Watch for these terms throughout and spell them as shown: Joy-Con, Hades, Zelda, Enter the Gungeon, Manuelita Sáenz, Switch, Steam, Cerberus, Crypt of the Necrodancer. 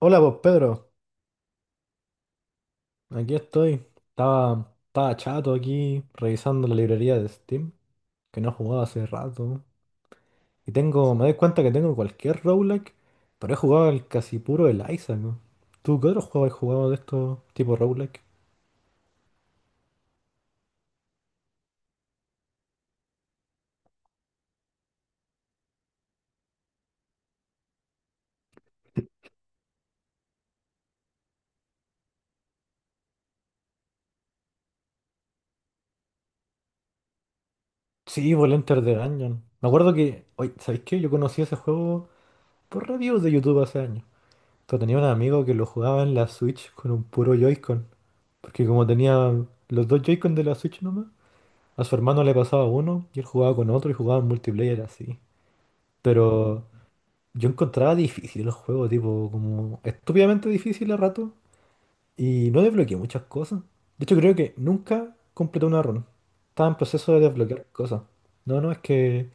Hola, pues Pedro, aquí estoy. Estaba chato aquí revisando la librería de Steam, que no jugaba hace rato. Y tengo, me doy cuenta que tengo cualquier roguelike, pero he jugado el casi puro el Isaac. ¿No? ¿Tú qué otro juego has jugado de estos tipos roguelike? Sí, por el Enter the Gungeon. Me acuerdo que, oye, ¿sabéis qué? Yo conocí ese juego por reviews de YouTube hace años. Pero tenía un amigo que lo jugaba en la Switch con un puro Joy-Con, porque como tenía los dos Joy-Con de la Switch. A su hermano le pasaba uno y él jugaba con otro y jugaban multiplayer así. Pero yo encontraba difícil el juego, tipo, como estúpidamente difícil a rato. Y no desbloqueé muchas cosas. De hecho, creo que nunca completé una run. Estaba en proceso de desbloquear cosas. No, no, es que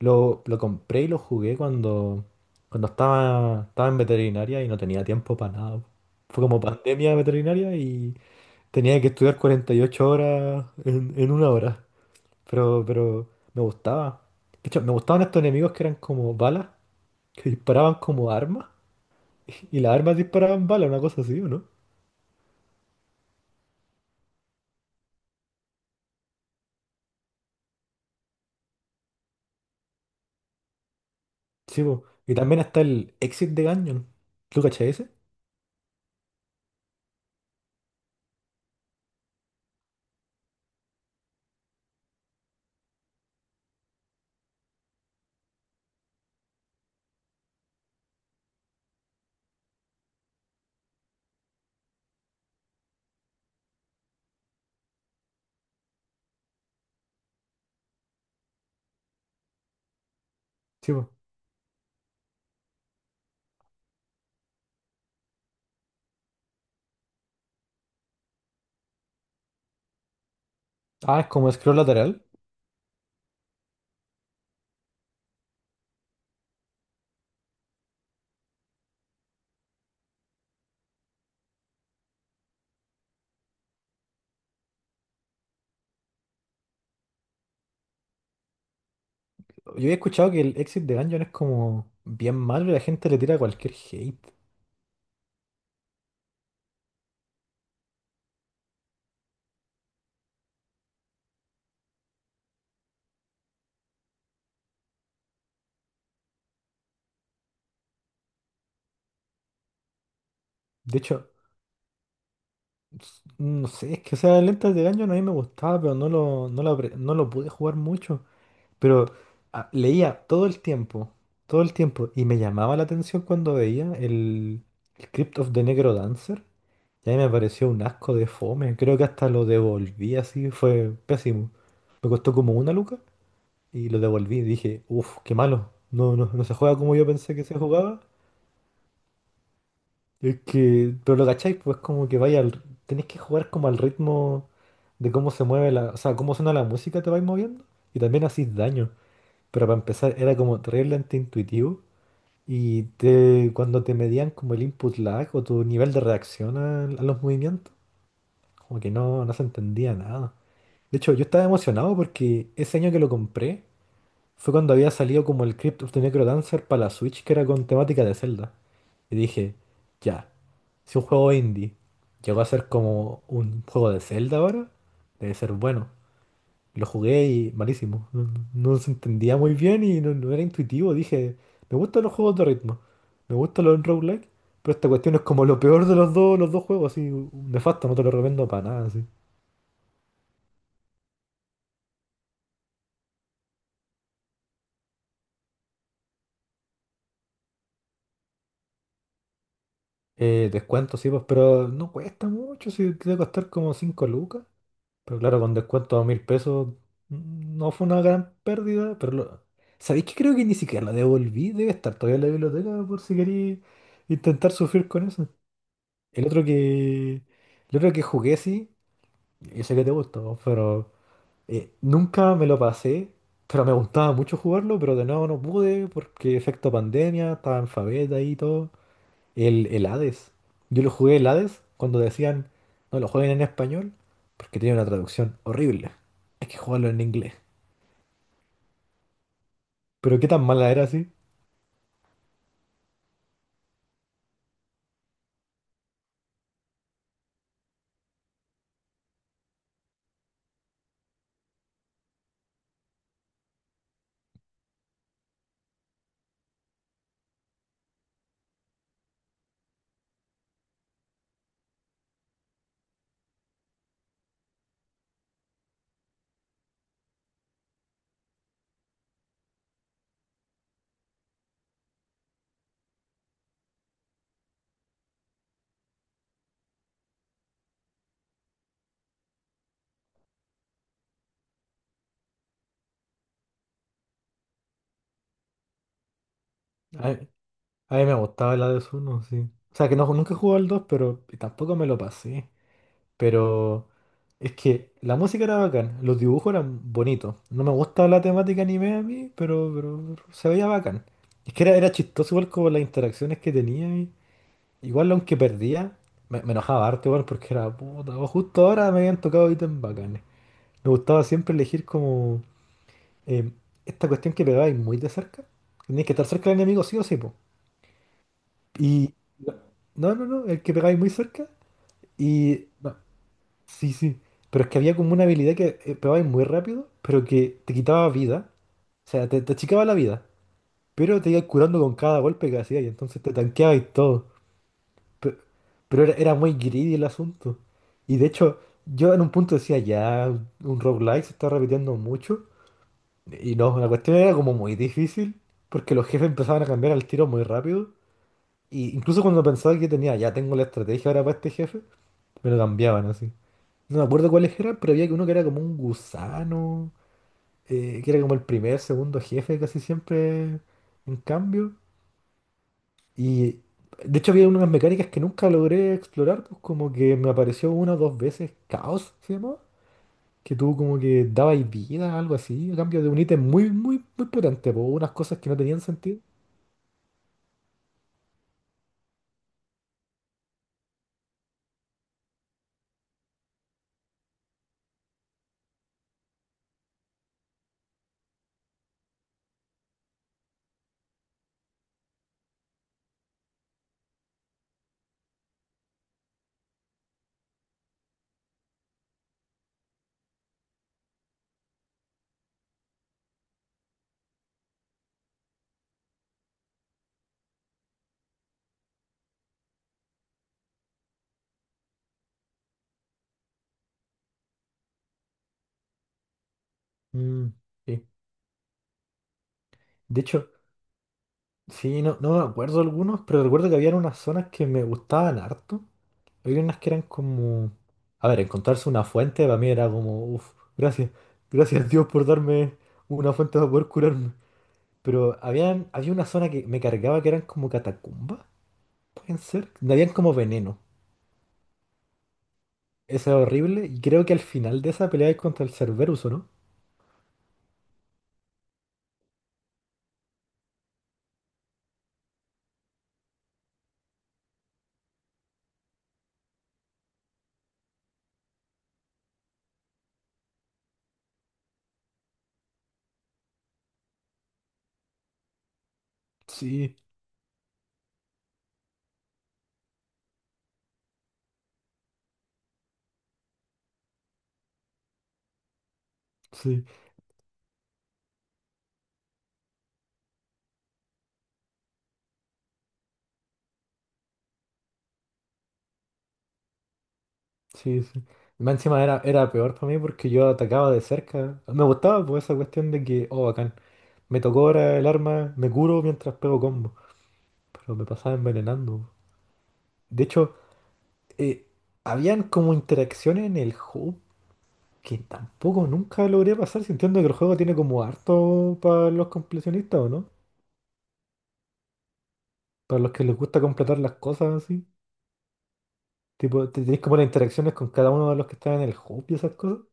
lo compré y lo jugué cuando, cuando estaba en veterinaria y no tenía tiempo para nada. Fue como pandemia veterinaria y tenía que estudiar 48 horas en una hora. Pero me gustaba. De hecho, me gustaban estos enemigos que eran como balas, que disparaban como armas. Y las armas disparaban balas, una cosa así, ¿o no? Sí, po. Y también está el Exit de Gungeon. ¿Tú cachai ese? Sí, po. Ah, es como scroll lateral. Yo había escuchado que el Exit de Gungeon es como bien malo y la gente le tira cualquier hate. De hecho, no sé, es que esa lenta de Gungeon a mí me gustaba, pero no lo pude jugar mucho. Pero leía todo el tiempo, y me llamaba la atención cuando veía el Crypt of the Negro Dancer. Y ahí me pareció un asco de fome. Creo que hasta lo devolví así, fue pésimo. Me costó como una luca y lo devolví. Dije, uff, qué malo. No, no, no se juega como yo pensé que se jugaba. Es que, pero lo cacháis, pues como que vaya, tenéis que jugar como al ritmo de cómo se mueve la, o sea, cómo suena la música, te vais moviendo. Y también hacís daño. Pero para empezar, era como terriblemente intuitivo y te, cuando te medían como el input lag o tu nivel de reacción a los movimientos, como que no, no se entendía nada. De hecho, yo estaba emocionado porque ese año que lo compré fue cuando había salido como el Crypt of the Necrodancer para la Switch, que era con temática de Zelda. Y dije, ya, si un juego indie llegó a ser como un juego de Zelda ahora, debe ser bueno. Lo jugué y malísimo. No se entendía muy bien y no, no era intuitivo. Dije, me gustan los juegos de ritmo. Me gustan los roguelike. Pero esta cuestión es como lo peor de los dos juegos, así, un nefasto, no te lo recomiendo para nada, así. Descuento, sí, pues, pero no cuesta mucho, sí, debe costar como 5 lucas. Pero claro, con descuento a mil pesos no fue una gran pérdida, pero lo... ¿Sabéis que creo que ni siquiera la devolví? Debe estar todavía en la biblioteca por si queréis intentar sufrir con eso. El otro que, el otro que jugué, sí, yo sé que te gustó, pero nunca me lo pasé, pero me gustaba mucho jugarlo, pero de nuevo no pude porque efecto pandemia, estaba en faveta y todo. El Hades. Yo lo jugué el Hades cuando decían, no lo jueguen en español, porque tiene una traducción horrible. Hay que jugarlo en inglés. Pero qué tan mala era, sí. A, a mí me gustaba el Hades 1, sí. O sea, que no, nunca jugué al 2 pero tampoco me lo pasé. Pero es que la música era bacán, los dibujos eran bonitos. No me gusta la temática anime a mí, pero se veía bacán. Es que era chistoso igual como las interacciones que tenía. Igual aunque perdía, me enojaba harto igual porque era puta. O justo ahora me habían tocado ítems bacanes. Me gustaba siempre elegir como eh, esta cuestión que pegabais muy de cerca. Tenías que estar cerca del enemigo sí o sí, po. Y no, el que pegáis muy cerca. Y no, sí, sí. Pero es que había como una habilidad que pegabais muy rápido, pero que te quitaba vida. O sea, te achicaba la vida. Pero te ibas curando con cada golpe que hacías y entonces te tanqueaba y todo. Pe- Pero, era muy greedy el asunto. Y de hecho, yo en un punto decía, ya, un roguelike se está repitiendo mucho. Y no, la cuestión era como muy difícil, porque los jefes empezaban a cambiar al tiro muy rápido. Y incluso cuando pensaba que tenía, ya tengo la estrategia ahora para este jefe, me lo cambiaban así. No me acuerdo cuáles eran, pero había uno que era como un gusano, que era como el primer, segundo jefe casi siempre en cambio. Y de hecho había unas mecánicas que nunca logré explorar, pues como que me apareció una o dos veces Caos, se llamaba, que tú como que dabas vida, algo así, a cambio de un ítem muy, muy, muy potente, pues unas cosas que no tenían sentido. Mm, sí. De hecho, sí, no, no me acuerdo algunos, pero recuerdo que había unas zonas que me gustaban harto. Había unas que eran como... A ver, encontrarse una fuente para mí era como, uff, gracias, gracias Dios por darme una fuente para poder curarme. Pero habían, había una zona que me cargaba que eran como catacumbas, pueden ser. Donde habían como veneno. Esa era horrible. Y creo que al final de esa pelea es contra el Cerberus, ¿o no? Sí, sí, sí, sí. Y más encima era peor para mí porque yo atacaba de cerca. Me gustaba por esa cuestión de que, oh, bacán, me tocó ahora el arma, me curo mientras pego combo. Pero me pasaba envenenando. De hecho, eh, habían como interacciones en el hub que tampoco nunca logré pasar. Si Entiendo que el juego tiene como harto para los completionistas, ¿o no? Para los que les gusta completar las cosas así. Tipo, tenés como las interacciones con cada uno de los que están en el hub y esas cosas.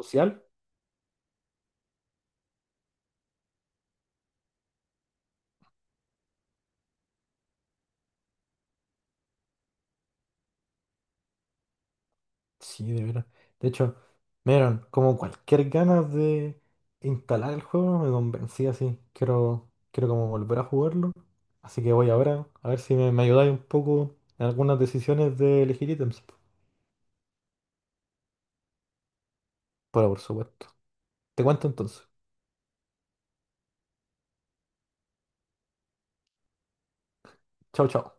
Social. Sí, de veras. De hecho, me dieron como cualquier ganas de instalar el juego, me convencí así. Quiero como volver a jugarlo. Así que voy ahora a ver si me ayudáis un poco en algunas decisiones de elegir ítems. Pero por supuesto. Te cuento entonces. Chao, chao.